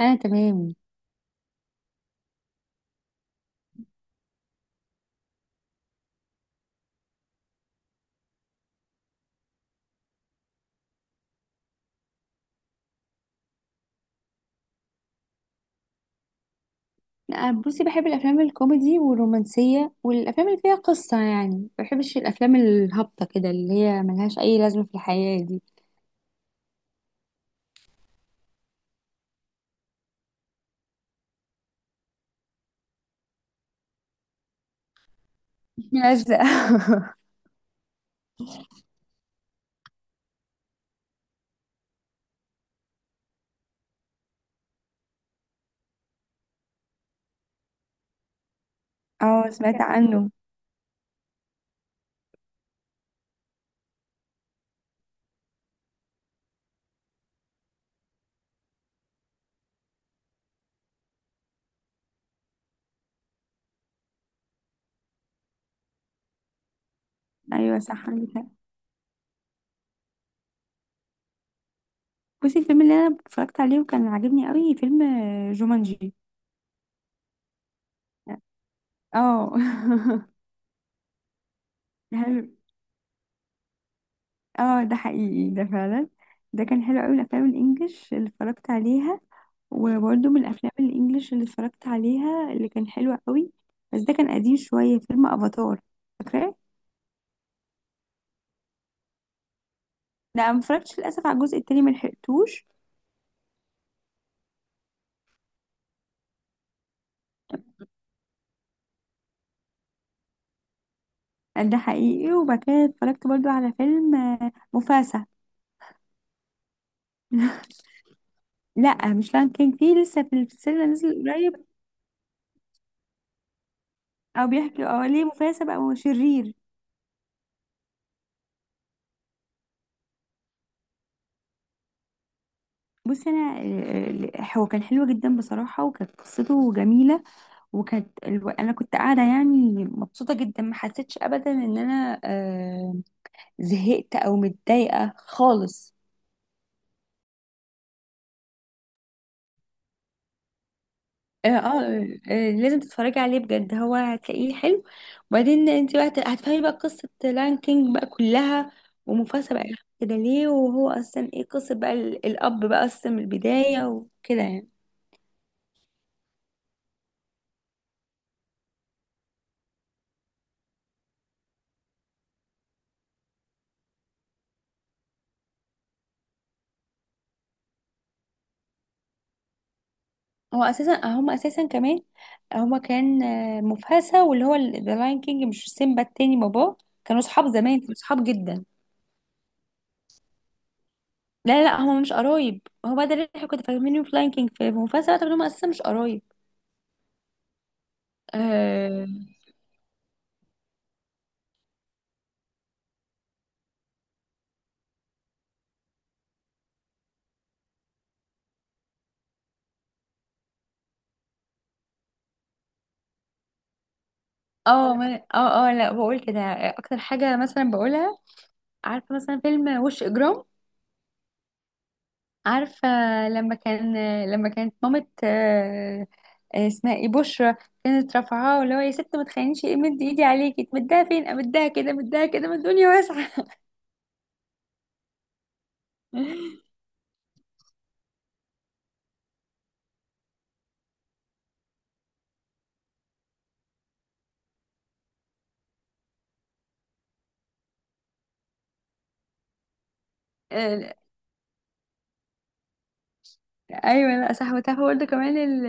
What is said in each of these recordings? انا تمام. أنا بصي بحب الافلام الكوميدي والرومانسيه والافلام اللي فيها قصه، يعني ما بحبش الافلام الهابطه كده اللي هي ملهاش اي لازمه في الحياه دي. ملزق. اه، سمعت عنه. ايوه صح، عندك حق. بصي الفيلم اللي انا اتفرجت عليه وكان عاجبني قوي فيلم جومانجي. اه. حلو. اه، ده حقيقي ده فعلا. ده كان حلو قوي، الافلام الانجليش اللي اتفرجت عليها. وبرده من الافلام الانجليش اللي اتفرجت عليها اللي كان حلو قوي بس ده كان قديم شويه، فيلم افاتار. فاكراه؟ لا، ما اتفرجتش للاسف على الجزء التاني، ما لحقتوش. ده حقيقي. وبعد كده اتفرجت برضو على فيلم مفاسا. لا، مش لان كان في لسه في السينما، نزل قريب. او بيحكي ليه مفاسا بقى شرير. بصي انا هو كان حلو جدا بصراحه، وكانت قصته جميله. وكانت انا كنت قاعده يعني مبسوطه جدا، ما حسيتش ابدا ان انا زهقت او متضايقه خالص. اه, آه, آه، لازم تتفرجي عليه بجد، هو هتلاقيه حلو. وبعدين انت بقى هتفهمي بقى قصه لاين كينج بقى كلها، ومفاسة بقى كده ليه، وهو اصلا ايه قصه بقى الاب بقى اصلا من البدايه وكده يعني. هو اساسا هم اساسا كمان، هما كان مفاسة واللي هو ذا لاين كينج مش سيمبا، التاني باباه. كانوا صحاب زمان، كانوا صحاب جدا. لا لا لا، هما مش قرايب. هو ده اللي احنا كنا فاهمينه في لاين كينج، في مفاسة طب هما اساسا مش قرايب. اه. اه، لا بقول كده. اكتر حاجة مثلا بقولها، عارفة مثلا فيلم وش اجرام؟ عارفة؟ لما كان لما كانت مامة اسمها ايه، بشرى، كانت رافعاه اللي هو: يا ست، ما تخلينيش مد ايدي عليكي، تمدها فين؟ امدها كده، مدها كده، ما الدنيا واسعة. ايوه لا صح. وتعرفي برضه كمان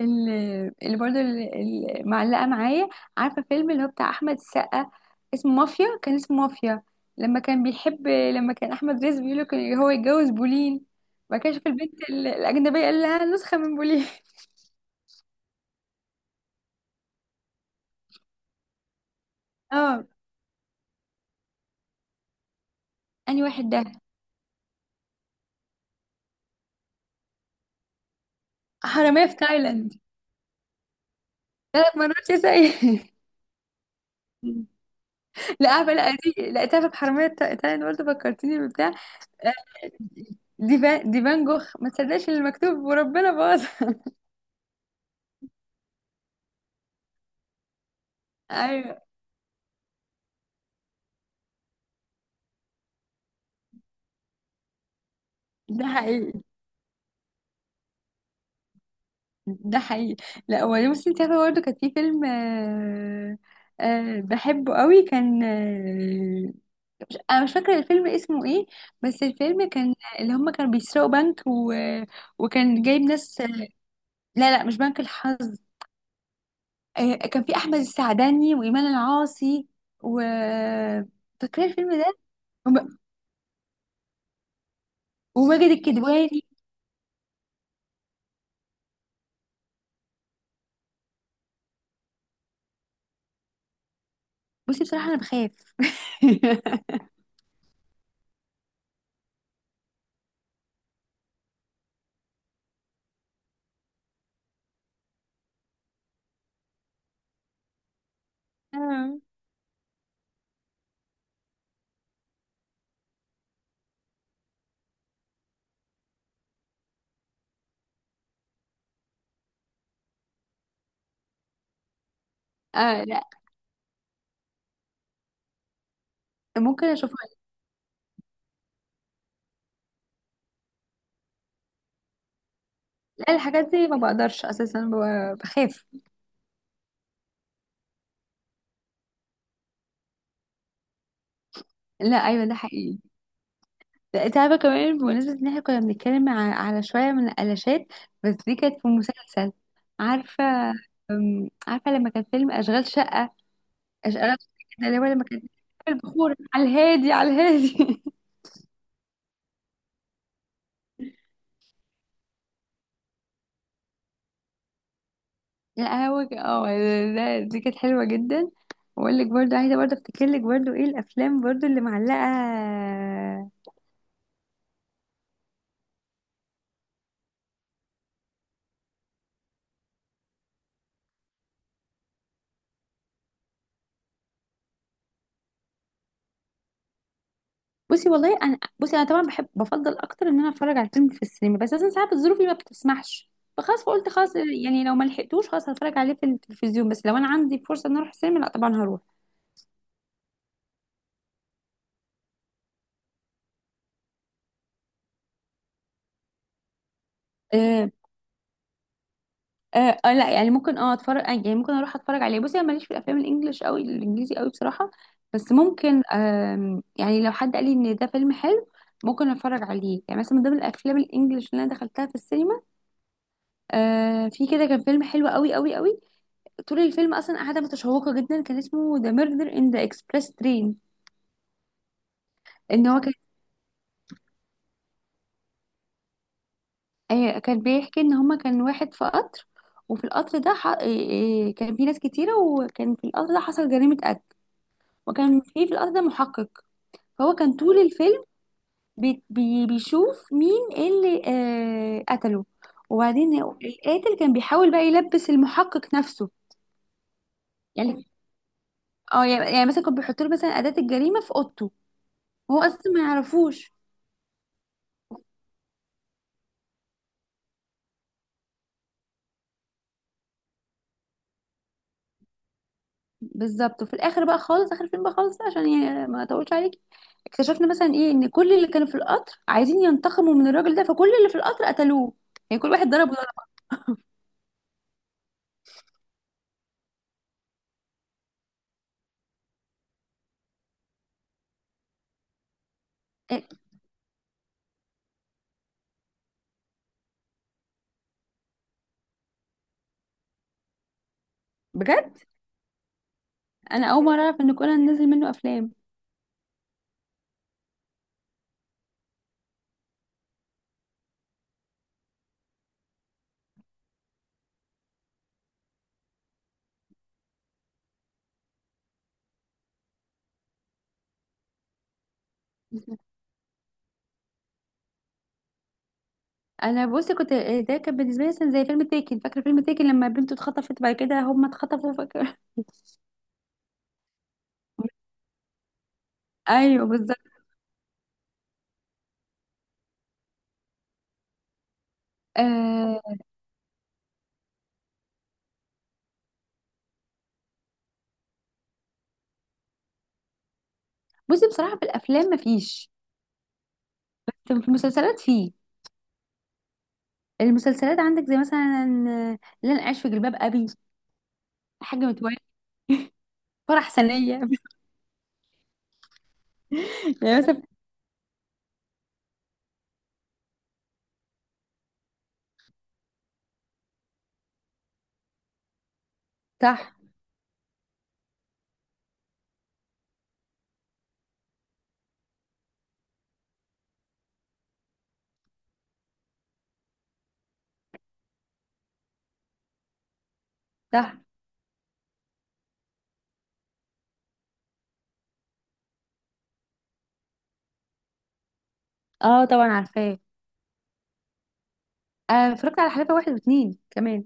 ال- اللي برضه معلقه معايا، عارفه فيلم اللي هو بتاع احمد السقا، اسمه مافيا، كان اسمه مافيا. لما كان احمد رزق بيقول له كان هو يتجوز بولين، وبعد كده شاف البنت الاجنبيه قال لها نسخه من بولين. اه. انهي واحد ده؟ حراميه في تايلاند. 3 مرات يا سيد. لا، عارفه، لا دي، لا تعرف حراميه في تايلاند برضه، فكرتيني ببتاع، دي فان جوخ، ما تصدقش اللي مكتوب وربنا باظ. ايوه ده حقيقي. ده حقيقي. لا هو بصي، انت عارفه برضه كان في فيلم بحبه قوي، كان مش فاكره الفيلم اسمه ايه، بس الفيلم كان اللي هم كانوا بيسرقوا بنك وكان جايب ناس. لا لا مش بنك الحظ. كان في احمد السعداني وايمان العاصي و، فاكره الفيلم ده وم- وماجد الكدواني. بصي بصراحة أنا بخاف. آه. آه لا، ممكن أشوفها. لا، الحاجات دي ما بقدرش أساسا بخاف. لا أيوة ده حقيقي. لا، أنت عارفة كمان بمناسبة إن إحنا كنا بنتكلم على شوية من القلاشات، بس دي كانت في مسلسل. عارفة. عارفة لما كان فيلم أشغال شقة؟ أشغال شقة ده اللي هو لما كان البخور على الهادي، على الهادي. لا هو لا دي كانت حلوة جدا. واقول لك برضو، عايزة برضو افتكر لك برضو ايه الافلام برضو اللي معلقة. بصي انا طبعا بفضل اكتر ان انا اتفرج على فيلم في السينما، بس اصلا ساعات الظروف اللي ما بتسمحش، فخلاص فقلت خلاص يعني لو ما لحقتوش خلاص هتفرج عليه في التلفزيون، بس لو انا عندي فرصة ان اروح السينما لا طبعا هروح. آه، لا يعني ممكن اتفرج، يعني ممكن اروح اتفرج عليه. بصي انا ماليش في الافلام الانجليش قوي، الانجليزي قوي بصراحه. بس ممكن يعني لو حد قال لي ان ده فيلم حلو ممكن اتفرج عليه. يعني مثلا من ضمن الافلام الانجليش اللي انا دخلتها في السينما في كده كان فيلم حلو قوي قوي قوي، طول الفيلم اصلا قاعده متشوقه جدا، كان اسمه ذا ميردر ان ذا اكسبريس ترين. ان هو كان كان بيحكي ان هما كان واحد في قطر، وفي القطر ده ح... آه، آه، كان في ناس كتيره، وكان في القطر ده حصل جريمه قتل، وكان في في القطر ده محقق. فهو كان طول الفيلم بي بي بيشوف مين اللي قتله. وبعدين القاتل كان بيحاول بقى يلبس المحقق نفسه، يعني مثلا كان بيحط له مثلا أداة الجريمة في اوضته، وهو اصلا ما يعرفوش. بالظبط. وفي الاخر بقى خالص، اخر الفيلم بقى خالص بقى، عشان يعني ما اطولش عليك، اكتشفنا مثلا ايه، ان كل اللي كانوا في القطر عايزين ينتقموا من الراجل ده، فكل اللي في القطر قتلوه، يعني كل واحد ضرب ضرب. إيه، بجد انا اول مره اعرف ان كونان نزل منه افلام. انا بصي كنت، ده كان بالنسبه لي مثلا زي فيلم تيكن، فاكره فيلم تيكن لما بنته اتخطفت، بعد كده هم اتخطفوا، فاكره. ايوه بالظبط. آه. بصي بصراحه في الافلام مفيش، في المسلسلات فيه. المسلسلات عندك زي مثلا اللي انا عايش في جلباب ابي، حاجه متولي، فرح سنيه، يعني مثلا. صح. صح. اه طبعا عارفاه. آه، اتفرجت على حلقه واحد واتنين كمان.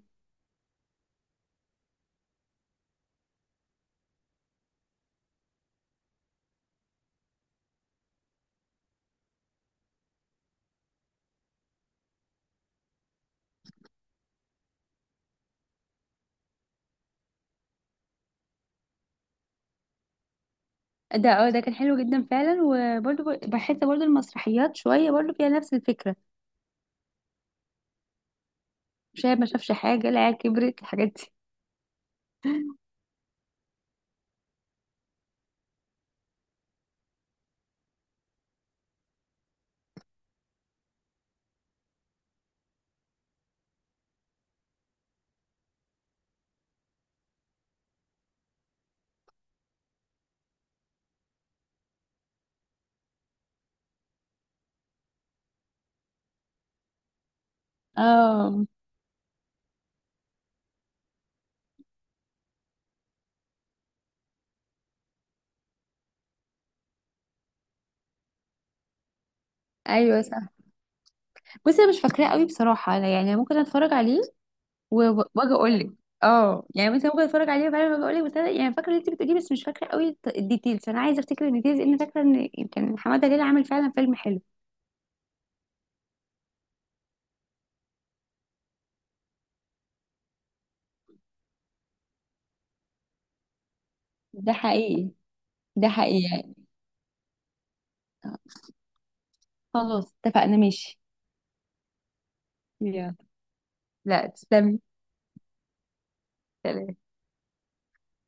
ده كان حلو جدا فعلا. وبرده بحس برده المسرحيات شويه برده فيها نفس الفكره، شايف ما شافش حاجه، العيال كبرت، الحاجات دي. اه ايوه صح. بصي انا مش فاكراه قوي بصراحه، أنا يعني ممكن اتفرج عليه، واجي اقول لك. اه يعني مثلا ممكن اتفرج عليه وبعدين اجي اقول لك، بس انا يعني فاكره اللي انت بتقوليه بس مش فاكره قوي الديتيلز، انا عايزه افتكر الديتيلز لان فاكره ان كان حماده هلال عامل فعلا فيلم حلو. ده حقيقي. ده حقيقي. خلاص اتفقنا، ماشي. يلا. لا، تسلمي. سلام.